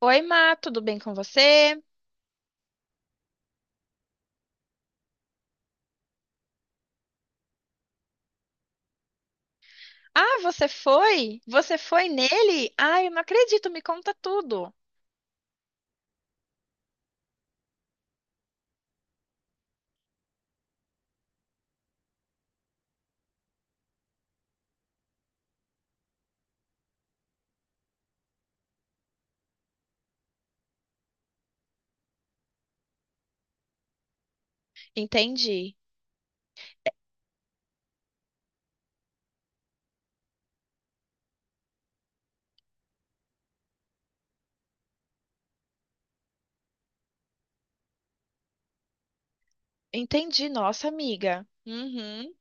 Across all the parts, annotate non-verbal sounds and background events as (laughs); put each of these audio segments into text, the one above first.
Oi, Má, tudo bem com você? Ah, você foi? Você foi nele? Ah, eu não acredito, me conta tudo. Entendi. Entendi, nossa amiga. Uhum.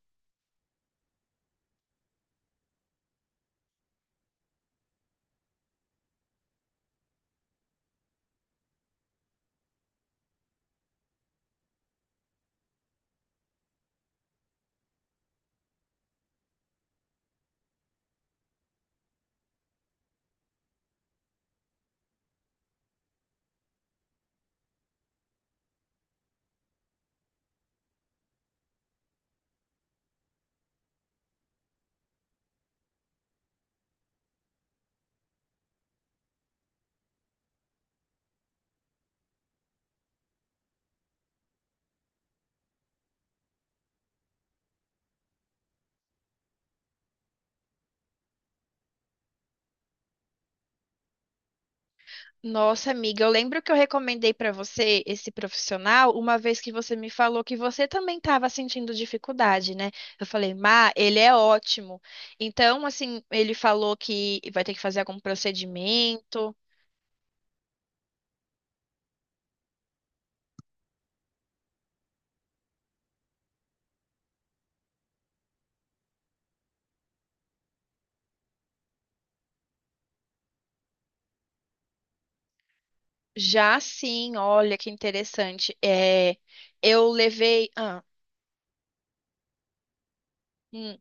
Nossa amiga, eu lembro que eu recomendei para você esse profissional uma vez que você me falou que você também estava sentindo dificuldade, né? Eu falei, Má, ele é ótimo. Então, assim, ele falou que vai ter que fazer algum procedimento. Já sim, olha que interessante. É, eu levei. Hum,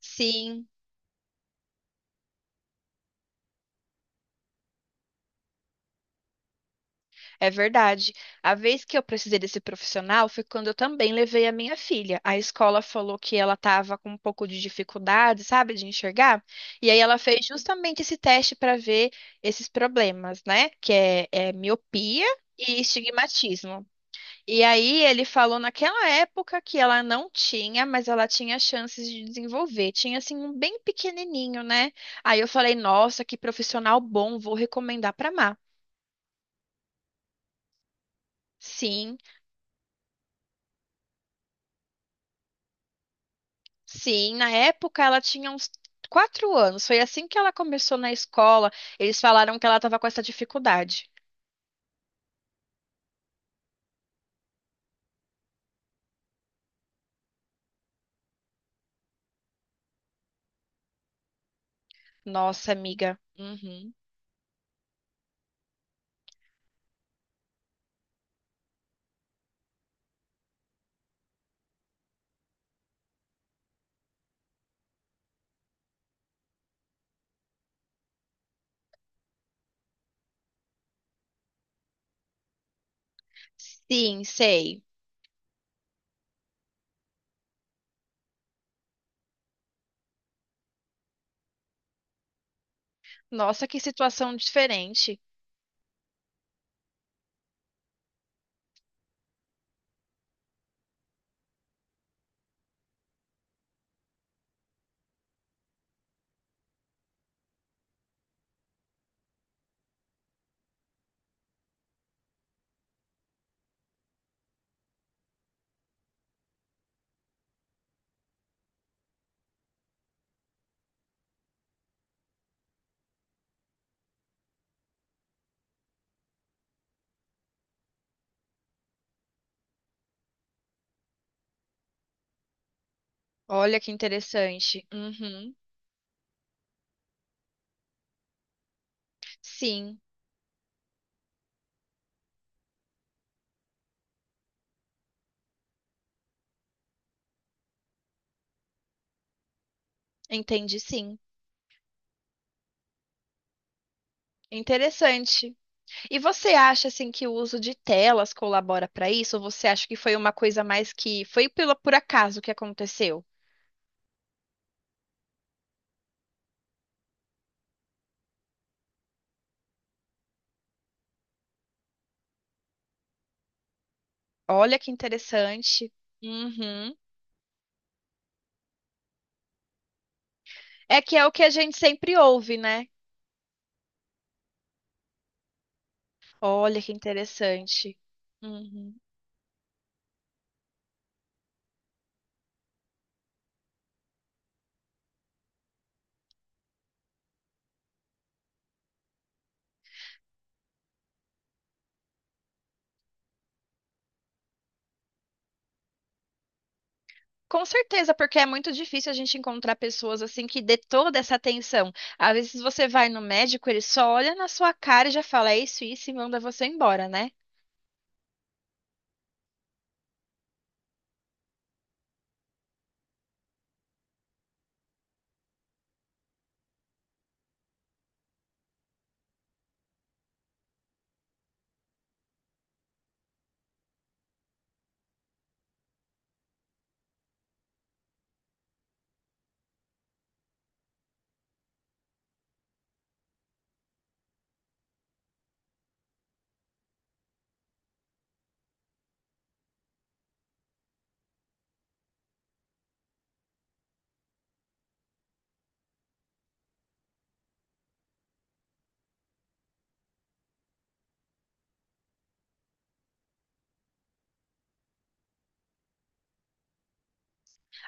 sim, é verdade. A vez que eu precisei desse profissional foi quando eu também levei a minha filha. A escola falou que ela estava com um pouco de dificuldade, sabe, de enxergar. E aí ela fez justamente esse teste para ver esses problemas, né? Que é miopia e estigmatismo. E aí ele falou naquela época que ela não tinha, mas ela tinha chances de desenvolver. Tinha assim um bem pequenininho, né? Aí eu falei, nossa, que profissional bom, vou recomendar para sim, sim. Na época ela tinha uns 4 anos. Foi assim que ela começou na escola. Eles falaram que ela estava com essa dificuldade. Nossa, amiga. Uhum. Sim, sei. Nossa, que situação diferente. Olha que interessante. Uhum. Sim, entendi, sim. Interessante. E você acha assim que o uso de telas colabora para isso? Ou você acha que foi uma coisa mais que foi pelo por acaso que aconteceu? Olha que interessante. Uhum. É que é o que a gente sempre ouve, né? Olha que interessante. Uhum. Com certeza, porque é muito difícil a gente encontrar pessoas assim que dê toda essa atenção. Às vezes você vai no médico, ele só olha na sua cara e já fala, é isso, isso, e manda você embora, né?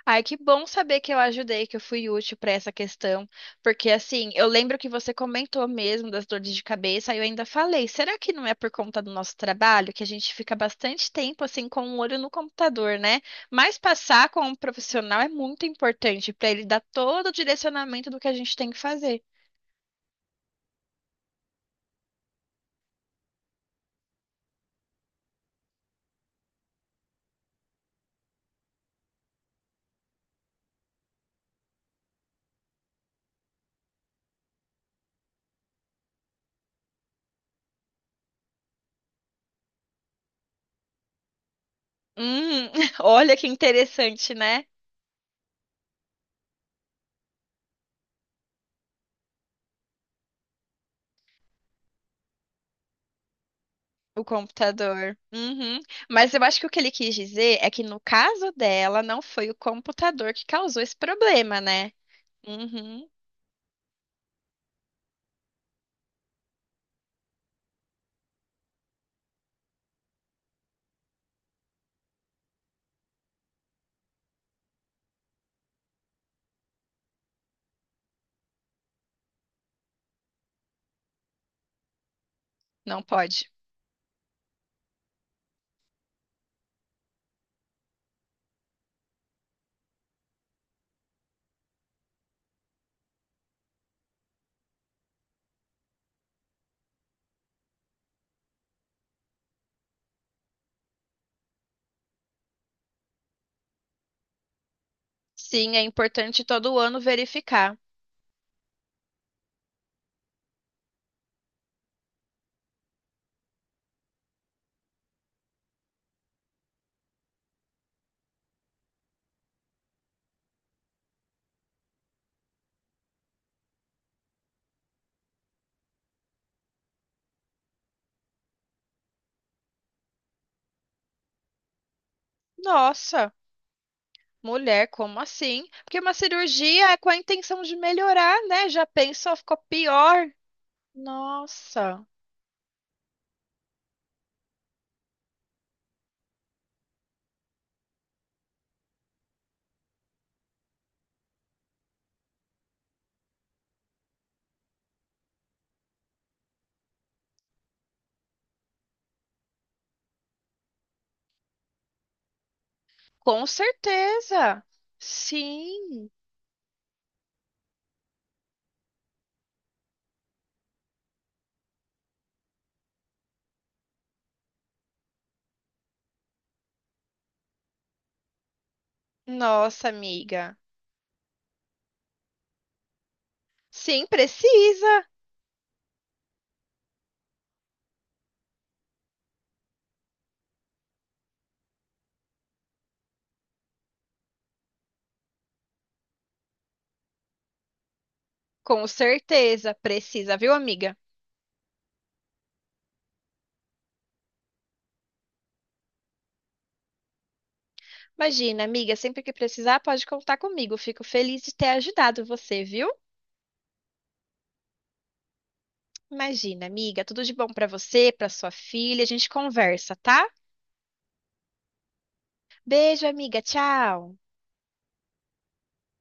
Ai, que bom saber que eu ajudei, que eu fui útil para essa questão, porque assim, eu lembro que você comentou mesmo das dores de cabeça, e eu ainda falei, será que não é por conta do nosso trabalho que a gente fica bastante tempo assim com o olho no computador, né? Mas passar com um profissional é muito importante para ele dar todo o direcionamento do que a gente tem que fazer. Hum, (laughs) olha que interessante, né? O computador. Uhum. Mas eu acho que o que ele quis dizer é que no caso dela, não foi o computador que causou esse problema, né? Uhum, não pode. Sim, é importante todo ano verificar. Nossa, mulher, como assim? Porque uma cirurgia é com a intenção de melhorar, né? Já pensou, ficou pior. Nossa, com certeza. Sim, nossa, amiga. Sim, precisa. Com certeza, precisa, viu, amiga? Imagina, amiga, sempre que precisar, pode contar comigo. Fico feliz de ter ajudado você, viu? Imagina, amiga, tudo de bom pra você, pra sua filha. A gente conversa, tá? Beijo, amiga. Tchau.